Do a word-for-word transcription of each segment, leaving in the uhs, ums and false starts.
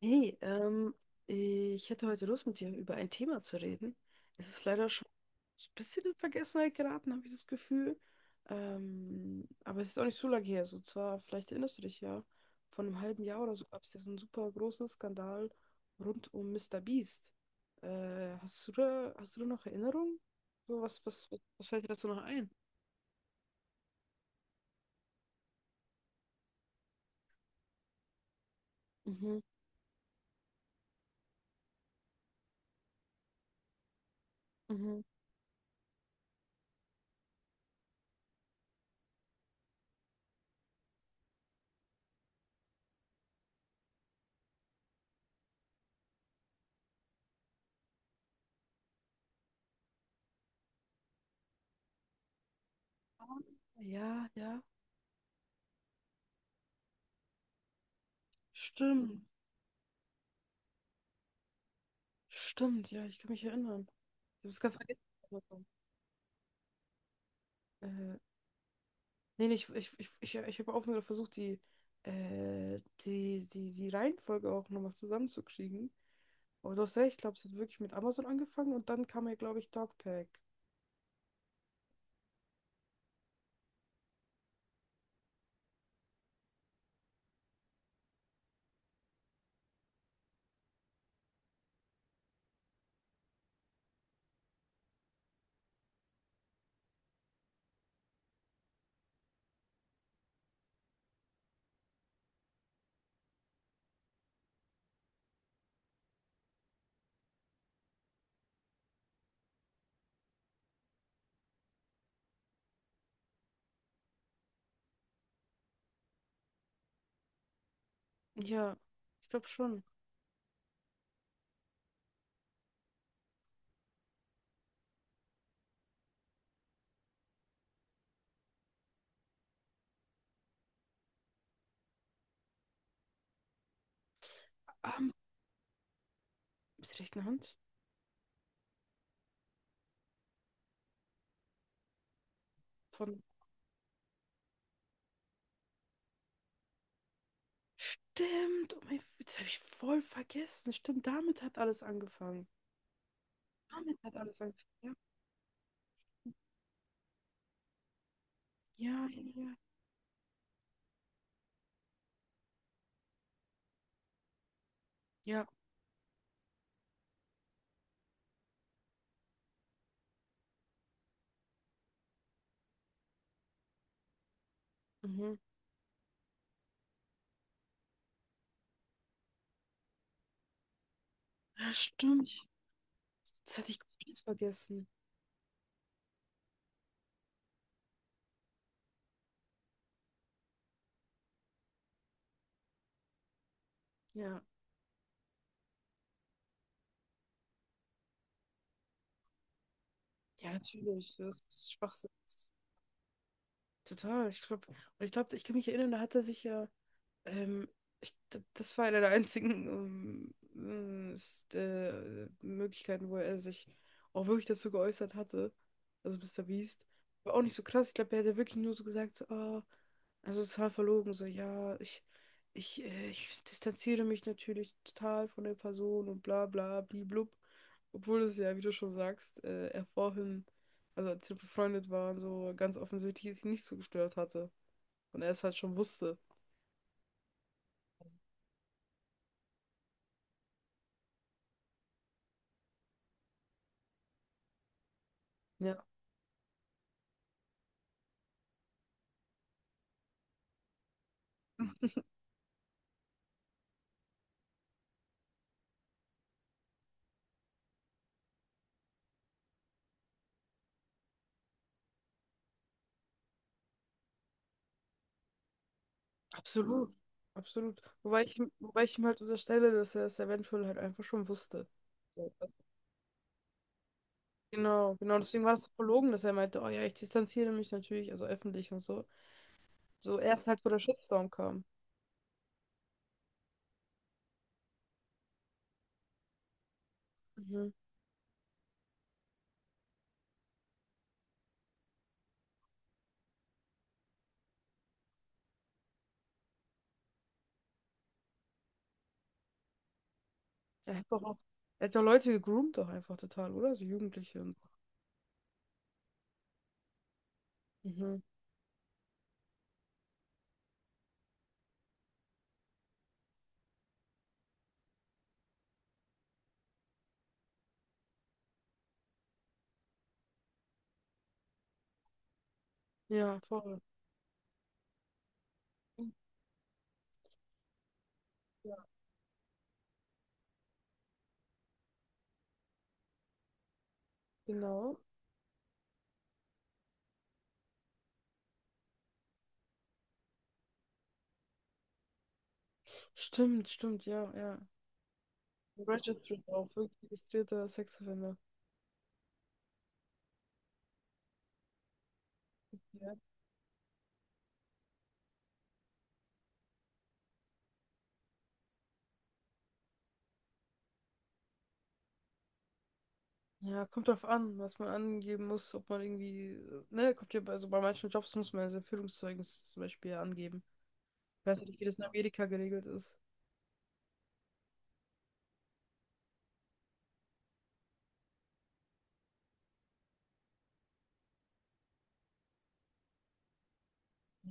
Hey, ähm, ich hätte heute Lust, mit dir über ein Thema zu reden. Es ist leider schon so ein bisschen in Vergessenheit geraten, habe ich das Gefühl. Ähm, aber es ist auch nicht so lange her. So zwar, vielleicht erinnerst du dich ja, vor einem halben Jahr oder so gab es ja so einen super großen Skandal rund um Mister Beast. Äh, hast du da, hast du da noch Erinnerungen? So, was, was, was fällt dir dazu noch ein? Mhm, mhm. Ah, Ja, ja, stimmt. Stimmt, ja, ich kann mich erinnern. Ich habe es ganz vergessen. Äh, Nee, nee, ich, ich, ich, ich, ich habe auch nur versucht, die, äh, die, die, die Reihenfolge auch nochmal zusammenzukriegen. Aber du hast recht, ich glaube, es hat wirklich mit Amazon angefangen und dann kam ja, glaube ich, Dogpack. Ja, ich glaube schon. Ähm, mit der rechten Hand? Von. Stimmt, oh mein, das habe ich voll vergessen. Stimmt, damit hat alles angefangen. Damit hat alles angefangen. Ja, ja, ja. Ja, Ja, mhm. Ja, stimmt. Das hatte ich komplett vergessen. Ja, ja, natürlich. Das ist Schwachsinn. Total. Ich glaube, und ich glaube, ich kann mich erinnern, da hat er sich ja. Ähm, ich, d- das war eine der einzigen ähm, äh, st- äh, Möglichkeiten, wo er sich auch wirklich dazu geäußert hatte. Also Mister Beast. War auch nicht so krass. Ich glaube, er hat ja wirklich nur so gesagt, so, ah, also total verlogen, so, ja, ich, ich, äh, ich distanziere mich natürlich total von der Person und bla bla bliblub. Obwohl es ja, wie du schon sagst, äh, er vorhin, also als sie befreundet waren, so ganz offensichtlich es ihn nicht so gestört hatte. Und er es halt schon wusste. Ja. Absolut, absolut. Wobei ich, ihm- wobei ich ihm halt unterstelle, dass er es eventuell halt einfach schon wusste. So, Genau, genau. Deswegen war es so verlogen, dass er meinte, oh ja, ich distanziere mich natürlich, also öffentlich und so. So erst halt, wo der Shitstorm kam. Mhm. Er hat doch auch, er hat doch Leute gegroomt doch einfach total, oder? So Jugendliche und so. Mhm. Ja, voll. Ja, genau. Stimmt, stimmt, ja, ja. Registered auch, wirklich registrierter Sexoffender. Ja. Ja, kommt drauf an, was man angeben muss, ob man irgendwie, äh, ne, kommt ja, bei- also bei manchen Jobs muss man sein Führungszeugnis zum Beispiel ja angeben. Ich weiß ja nicht, wie das in Amerika geregelt ist.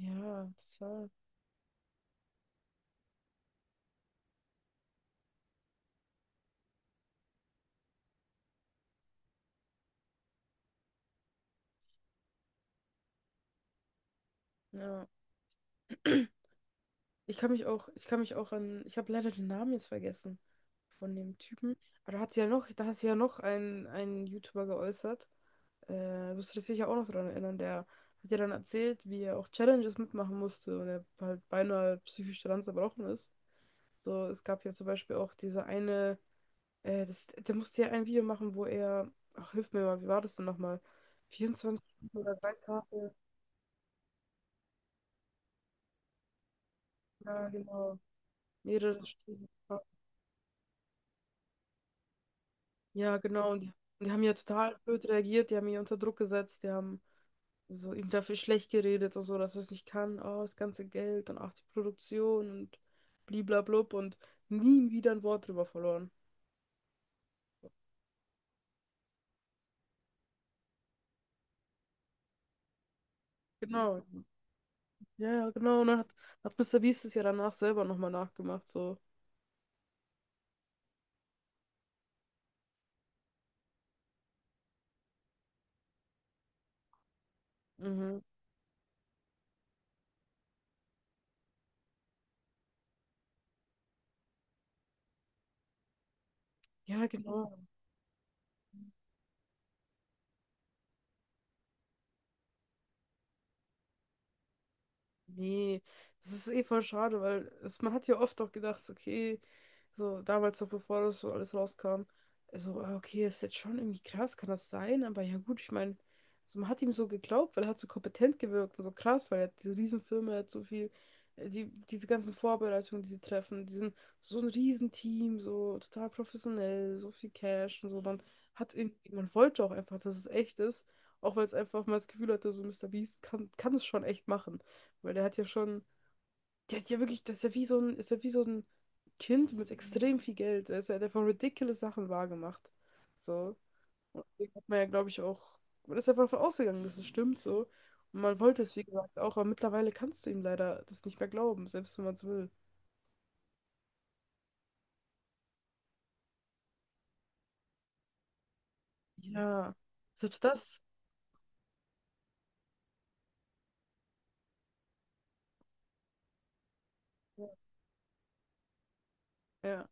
Ja, total. Ja. Ich kann mich auch, ich kann mich auch an, Ich habe leider den Namen jetzt vergessen von dem Typen. Aber da hat sie ja noch, da hat sie ja noch einen, einen YouTuber geäußert. Äh, Wirst du dich sicher auch noch daran erinnern, der hat ja dann erzählt, wie er auch Challenges mitmachen musste und er halt beinahe psychisch daran zerbrochen ist. So, es gab ja zum Beispiel auch diese eine, äh, das, der musste ja ein Video machen, wo er, ach, hilf mir mal, wie war das denn nochmal? vierundzwanzig Stunden oder drei Tage, ja, genau, mehrere Stunden. Ja, genau, und die, und die haben ja total blöd reagiert, die haben ihn unter Druck gesetzt, die haben so ihm dafür schlecht geredet und so, dass er es nicht kann, oh, das ganze Geld und auch die Produktion und bliblablub und nie wieder ein Wort drüber verloren. Genau, ja, ja, genau, und dann hat, hat Mister Beast es ja danach selber nochmal nachgemacht, so. Mhm. Ja, genau. Nee, das ist eh voll schade, weil es, man hat ja oft auch gedacht, so, okay, so damals noch bevor das so alles rauskam, also ah, okay, ist jetzt schon irgendwie krass, kann das sein? Aber ja gut, ich meine, also man hat ihm so geglaubt, weil er hat so kompetent gewirkt und so krass, weil er hat diese Riesenfirma, er hat so viel, äh, die, diese ganzen Vorbereitungen, die sie treffen, diesen so ein Riesenteam, so total professionell, so viel Cash und so, dann hat irgendwie, man wollte auch einfach, dass es echt ist, auch weil es einfach mal das Gefühl hatte, so Mister Beast kann, kann es schon echt machen. Weil der hat ja schon, der hat ja wirklich, das ist ja wie so ein, ist ja wie so ein Kind mit extrem viel Geld. Weißt du, Er hat einfach ridiculous Sachen wahrgemacht. So. Und deswegen hat man ja, glaube ich, auch, man ist einfach davon ausgegangen, dass es stimmt so. Und man wollte es, wie gesagt, auch, aber mittlerweile kannst du ihm leider das nicht mehr glauben, selbst wenn man es will. Ja, selbst das. Ja, ja,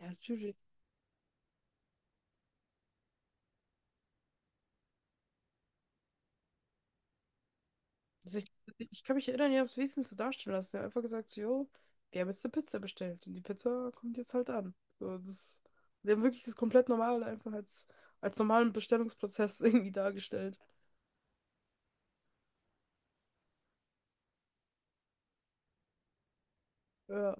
natürlich. Also ich, ich kann mich erinnern, ihr habt es wenigstens so darstellen lassen. Ihr habt einfach gesagt, so, jo, wir haben jetzt eine Pizza bestellt und die Pizza kommt jetzt halt an. So, das, wir haben wirklich das komplett normal einfach als, als normalen Bestellungsprozess irgendwie dargestellt. Ja,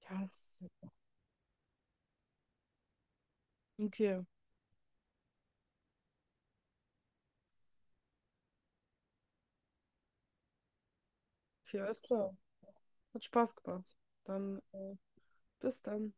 ja, das, okay, okay, alles klar. Hat Spaß gemacht. Dann, äh, bis dann.